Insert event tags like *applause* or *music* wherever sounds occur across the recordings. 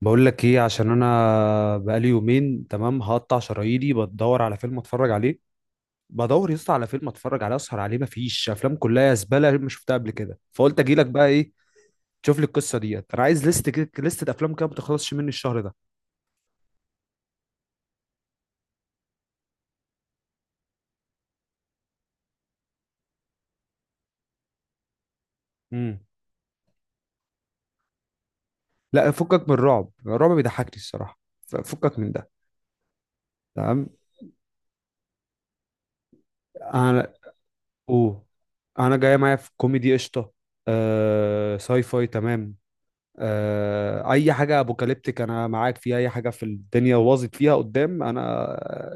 بقول لك ايه عشان انا بقالي يومين، تمام. هقطع شراييني بدور على فيلم اتفرج عليه. بدور يسطا على فيلم اتفرج عليه اسهر عليه، مفيش افلام، كلها زباله، ما شفتها قبل كده، فقلت اجي لك بقى. ايه تشوف لي القصه ديت؟ انا عايز ليست كده، ليست افلام كده ما تخلصش مني الشهر ده. امم لا، فكك من الرعب، الرعب بيضحكني الصراحه. فكك من ده. تمام. انا. اوه، انا جاي معايا في كوميدي قشطه. ساي فاي تمام. اي حاجه ابوكاليبتيك انا معاك فيها، اي حاجه في الدنيا باظت فيها قدام انا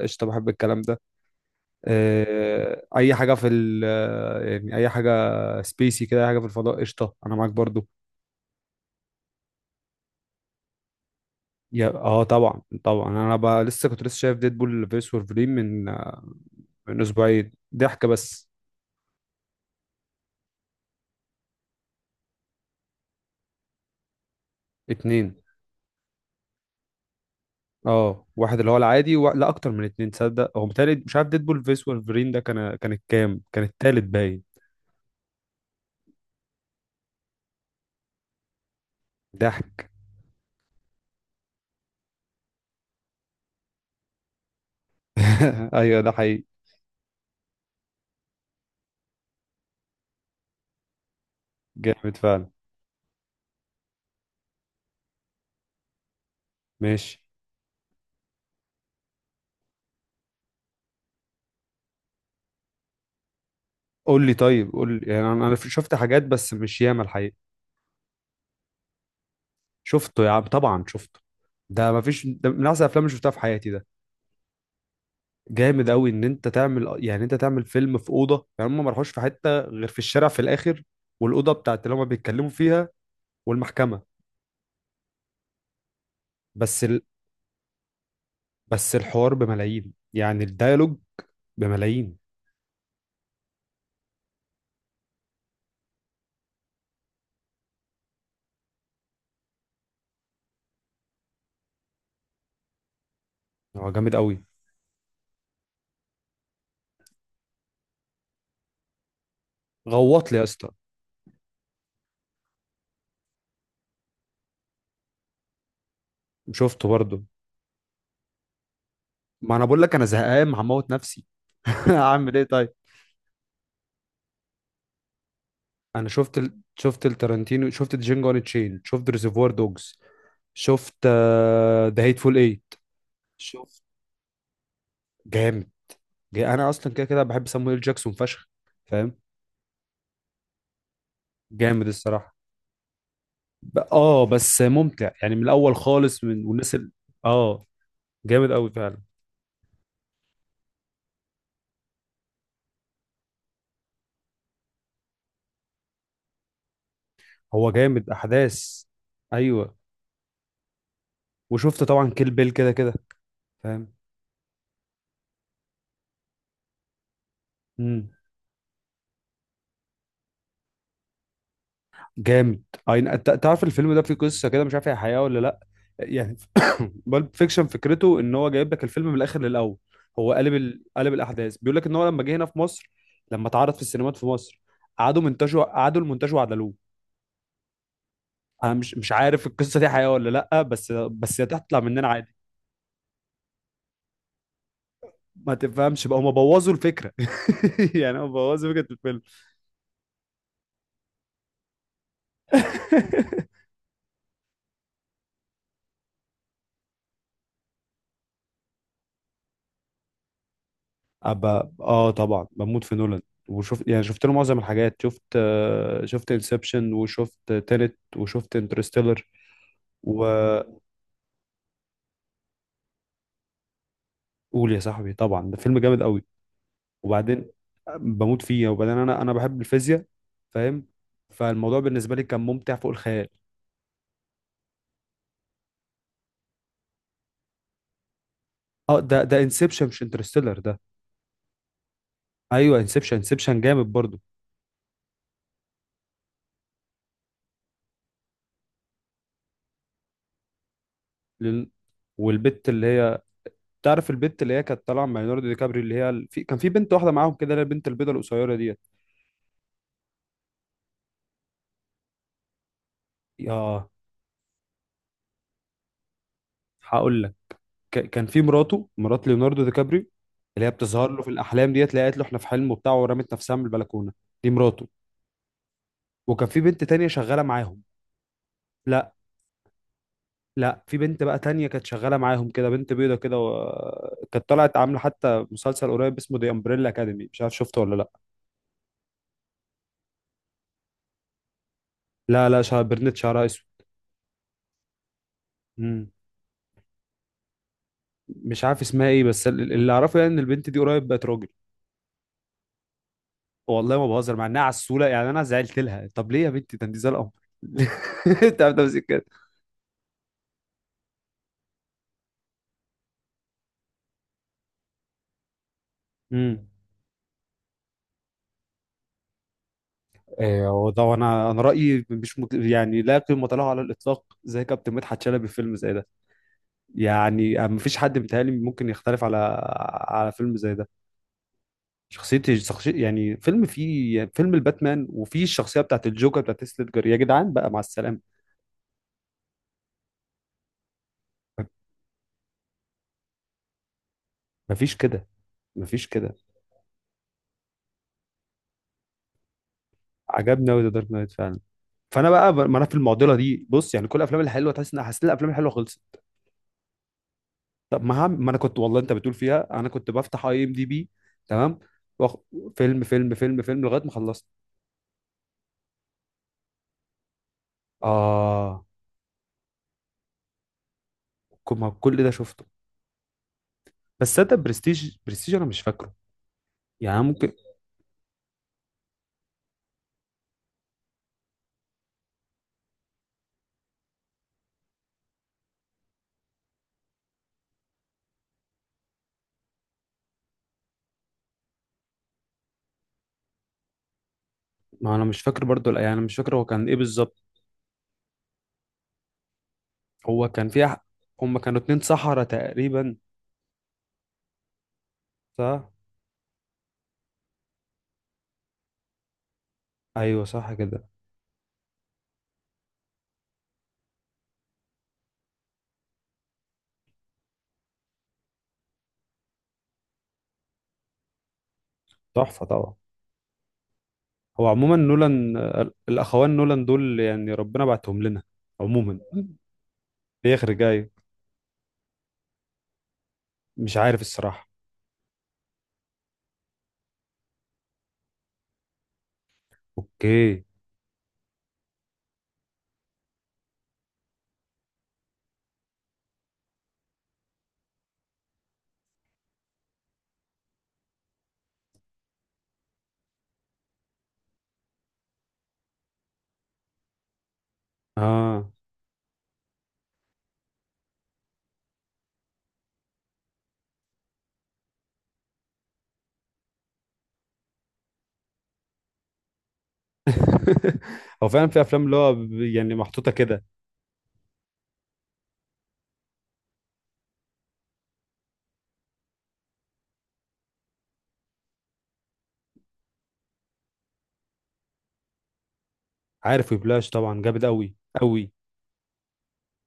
قشطه، بحب الكلام ده. اي حاجه في ال، يعني اي حاجه سبيسي كده، اي حاجه في الفضاء قشطه انا معاك برضو. يا طبعا طبعا، انا بقى لسه كنت لسه شايف ديدبول فيرس وولفرين من اسبوعين، ضحك بس. اتنين. اه، واحد اللي هو العادي و... لا، اكتر من اتنين، تصدق هو متهيألي، مش عارف ديدبول فيرس وولفرين ده كان، كانت كام كان التالت باين. ضحك. *laughs* ايوه ده حقيقي. جامد فعلا. ماشي. قول لي طيب قول لي يعني، انا شفت حاجات بس مش ياما الحقيقه. شفته يا عم، طبعا شفته. ده ما فيش، ده من احسن الافلام اللي شفتها في حياتي ده. جامد قوي ان انت تعمل، يعني انت تعمل فيلم في اوضه، يعني هم ما راحوش في حته غير في الشارع في الاخر. والاوضه بتاعت اللي هم بيتكلموا فيها، والمحكمه. بس ال... بس الحوار بملايين، يعني الديالوج بملايين. هو جامد قوي. غوط لي يا اسطى. شفته برضه. ما انا بقول لك انا زهقان هموت نفسي. *laughs* هعمل ايه طيب؟ انا شفت التارانتينو، شفت جينجو ان تشين، شفت ريزرفوار دوجز. شفت ذا هيت فول ايت. شفت. جامد. انا اصلا كده كده بحب سامويل جاكسون فشخ. فاهم. جامد الصراحه. ب... اه بس ممتع، يعني من الاول خالص، والناس اه جامد قوي فعلا. هو جامد احداث. ايوه. وشفت طبعا كيل بيل كده كده. فاهم. مم. جامد. اي، انت تعرف الفيلم ده فيه قصه كده، مش عارف هي حقيقه ولا لا؟ يعني، *coughs* بالب فيكشن فكرته ان هو جايب لك الفيلم من الاخر للاول. هو قلب الاحداث، بيقول لك ان هو لما جه هنا في مصر، لما اتعرض في السينمات في مصر، قعدوا المنتج وعدلوه. انا مش عارف القصه دي حقيقه ولا لا، بس هي تطلع مننا عادي. ما تفهمش بقى، هم بوظوا الفكره. *laughs* يعني هم بوظوا فكره الفيلم. *laughs* أبقى، طبعا بموت في نولان. وشفت، يعني شفت له معظم الحاجات، شفت انسبشن، وشفت تينت، وشفت انترستيلر. وقول. يا صاحبي، طبعا ده فيلم جامد قوي. وبعدين، بموت فيه وبعدين، انا بحب الفيزياء. فاهم. فالموضوع بالنسبه لي كان ممتع فوق الخيال. اه، ده انسبشن مش انترستيلر ده. ايوه، انسبشن، انسبشن جامد برضو. لل... والبت اللي هي، تعرف البت اللي هي كانت طالعه مع ليوناردو دي كابريو، اللي هي كان في بنت واحده معاهم كده، اللي هي البنت البيضه القصيره ديت. يا. هقول لك، كان في مرات ليوناردو دي كابريو، اللي هي بتظهر له في الاحلام ديت، اللي هي قالت له احنا في حلم وبتاع ورمت نفسها من البلكونه. دي مراته. وكان في بنت تانية شغاله معاهم. لا، لا، في بنت بقى تانية كانت شغاله معاهم كده، بنت بيضه كده كانت طلعت عامله حتى مسلسل قريب اسمه دي امبريلا اكاديمي، مش عارف شفته ولا لا. لا، لا، شعر برنت، شعرها اسود. مم. مش عارف اسمها ايه، بس اللي اعرفه يعني، ان البنت دي قريب بقت راجل. والله ما بهزر، مع انها عسوله، يعني انا زعلت لها، طب ليه يا بنتي، ده انت زي القمر. *laughs* انت عارف تمسك كده. مم. وده، انا رايي مش مت... يعني لا قيمه له على الاطلاق، زي كابتن مدحت شلبي في فيلم زي ده. يعني ما فيش حد متهيألي ممكن يختلف على فيلم زي ده. شخصية يعني، فيلم فيه يعني فيلم الباتمان، وفيه الشخصيه بتاعت الجوكر بتاعت هيث ليدجر، يا جدعان بقى مع السلامه. ما فيش كده، ما فيش كده. عجبني قوي ذا دارك نايت فعلا. فانا بقى، ما انا في المعضله دي، بص يعني كل الافلام الحلوه، تحس ان حسيت إن الافلام الحلوه خلصت. طب ما هعمل، ما انا كنت والله، انت بتقول فيها، انا كنت بفتح IMDB. تمام. وأخ... فيلم فيلم فيلم فيلم لغايه ما خلصت. اه، ما كل ده شفته. بس صدق، برستيج، برستيج انا مش فاكره. يعني أنا ممكن. ما انا مش فاكر برضو، لا، يعني انا مش فاكر هو كان ايه بالظبط. هو كان فيها. هم كانوا اتنين سحرة تقريبا. صح. ايوه صح كده. تحفه طبعا. هو عموما نولان، الاخوان نولان دول يعني ربنا بعتهم لنا. عموما. *laughs* بيخرج جاي. مش عارف الصراحه. اوكي. اه. *laughs* هو فعلا في افلام، اللي هو يعني محطوطه كده. عارف ويبلاش، طبعا جامد قوي. قوي.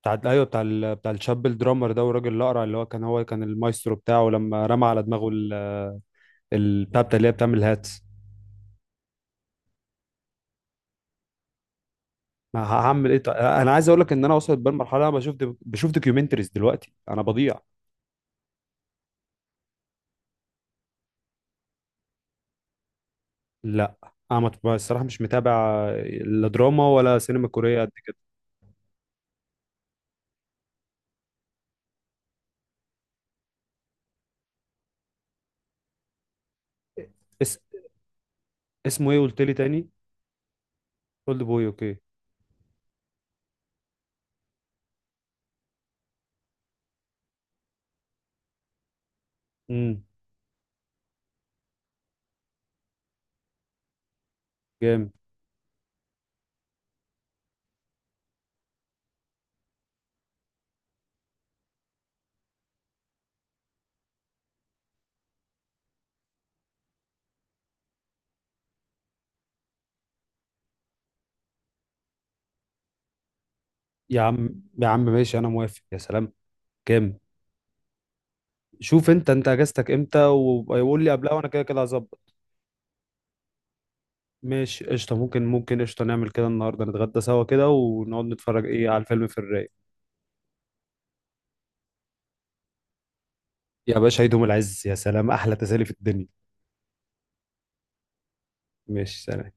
بتاع، ايوه، بتاع الشاب الدرامر ده، والراجل الاقرع اللي هو كان هو كان المايسترو بتاعه لما رمى على دماغه بتاع اللي هي بتعمل هاتس. ما هعمل ايه طيب؟ انا عايز اقول لك ان انا وصلت بالمرحله، انا بشوف دوكيومنتريز دلوقتي، انا بضيع. لا، انا الصراحه مش متابع لا دراما ولا سينما كوريه قد كده. اس... اسمه ايه قلت لي تاني؟ اولد بوي، اوكي. امم جامد. يا عم، يا عم ماشي، انا موافق، يا سلام. كام؟ شوف انت اجازتك امتى، ويقول لي قبلها، وانا كده كده هظبط. ماشي قشطه، ممكن قشطه، نعمل كده النهارده، نتغدى سوا كده ونقعد نتفرج ايه على الفيلم في الرايق. يا باشا عيد يوم العز، يا سلام، احلى تسالي في الدنيا. ماشي.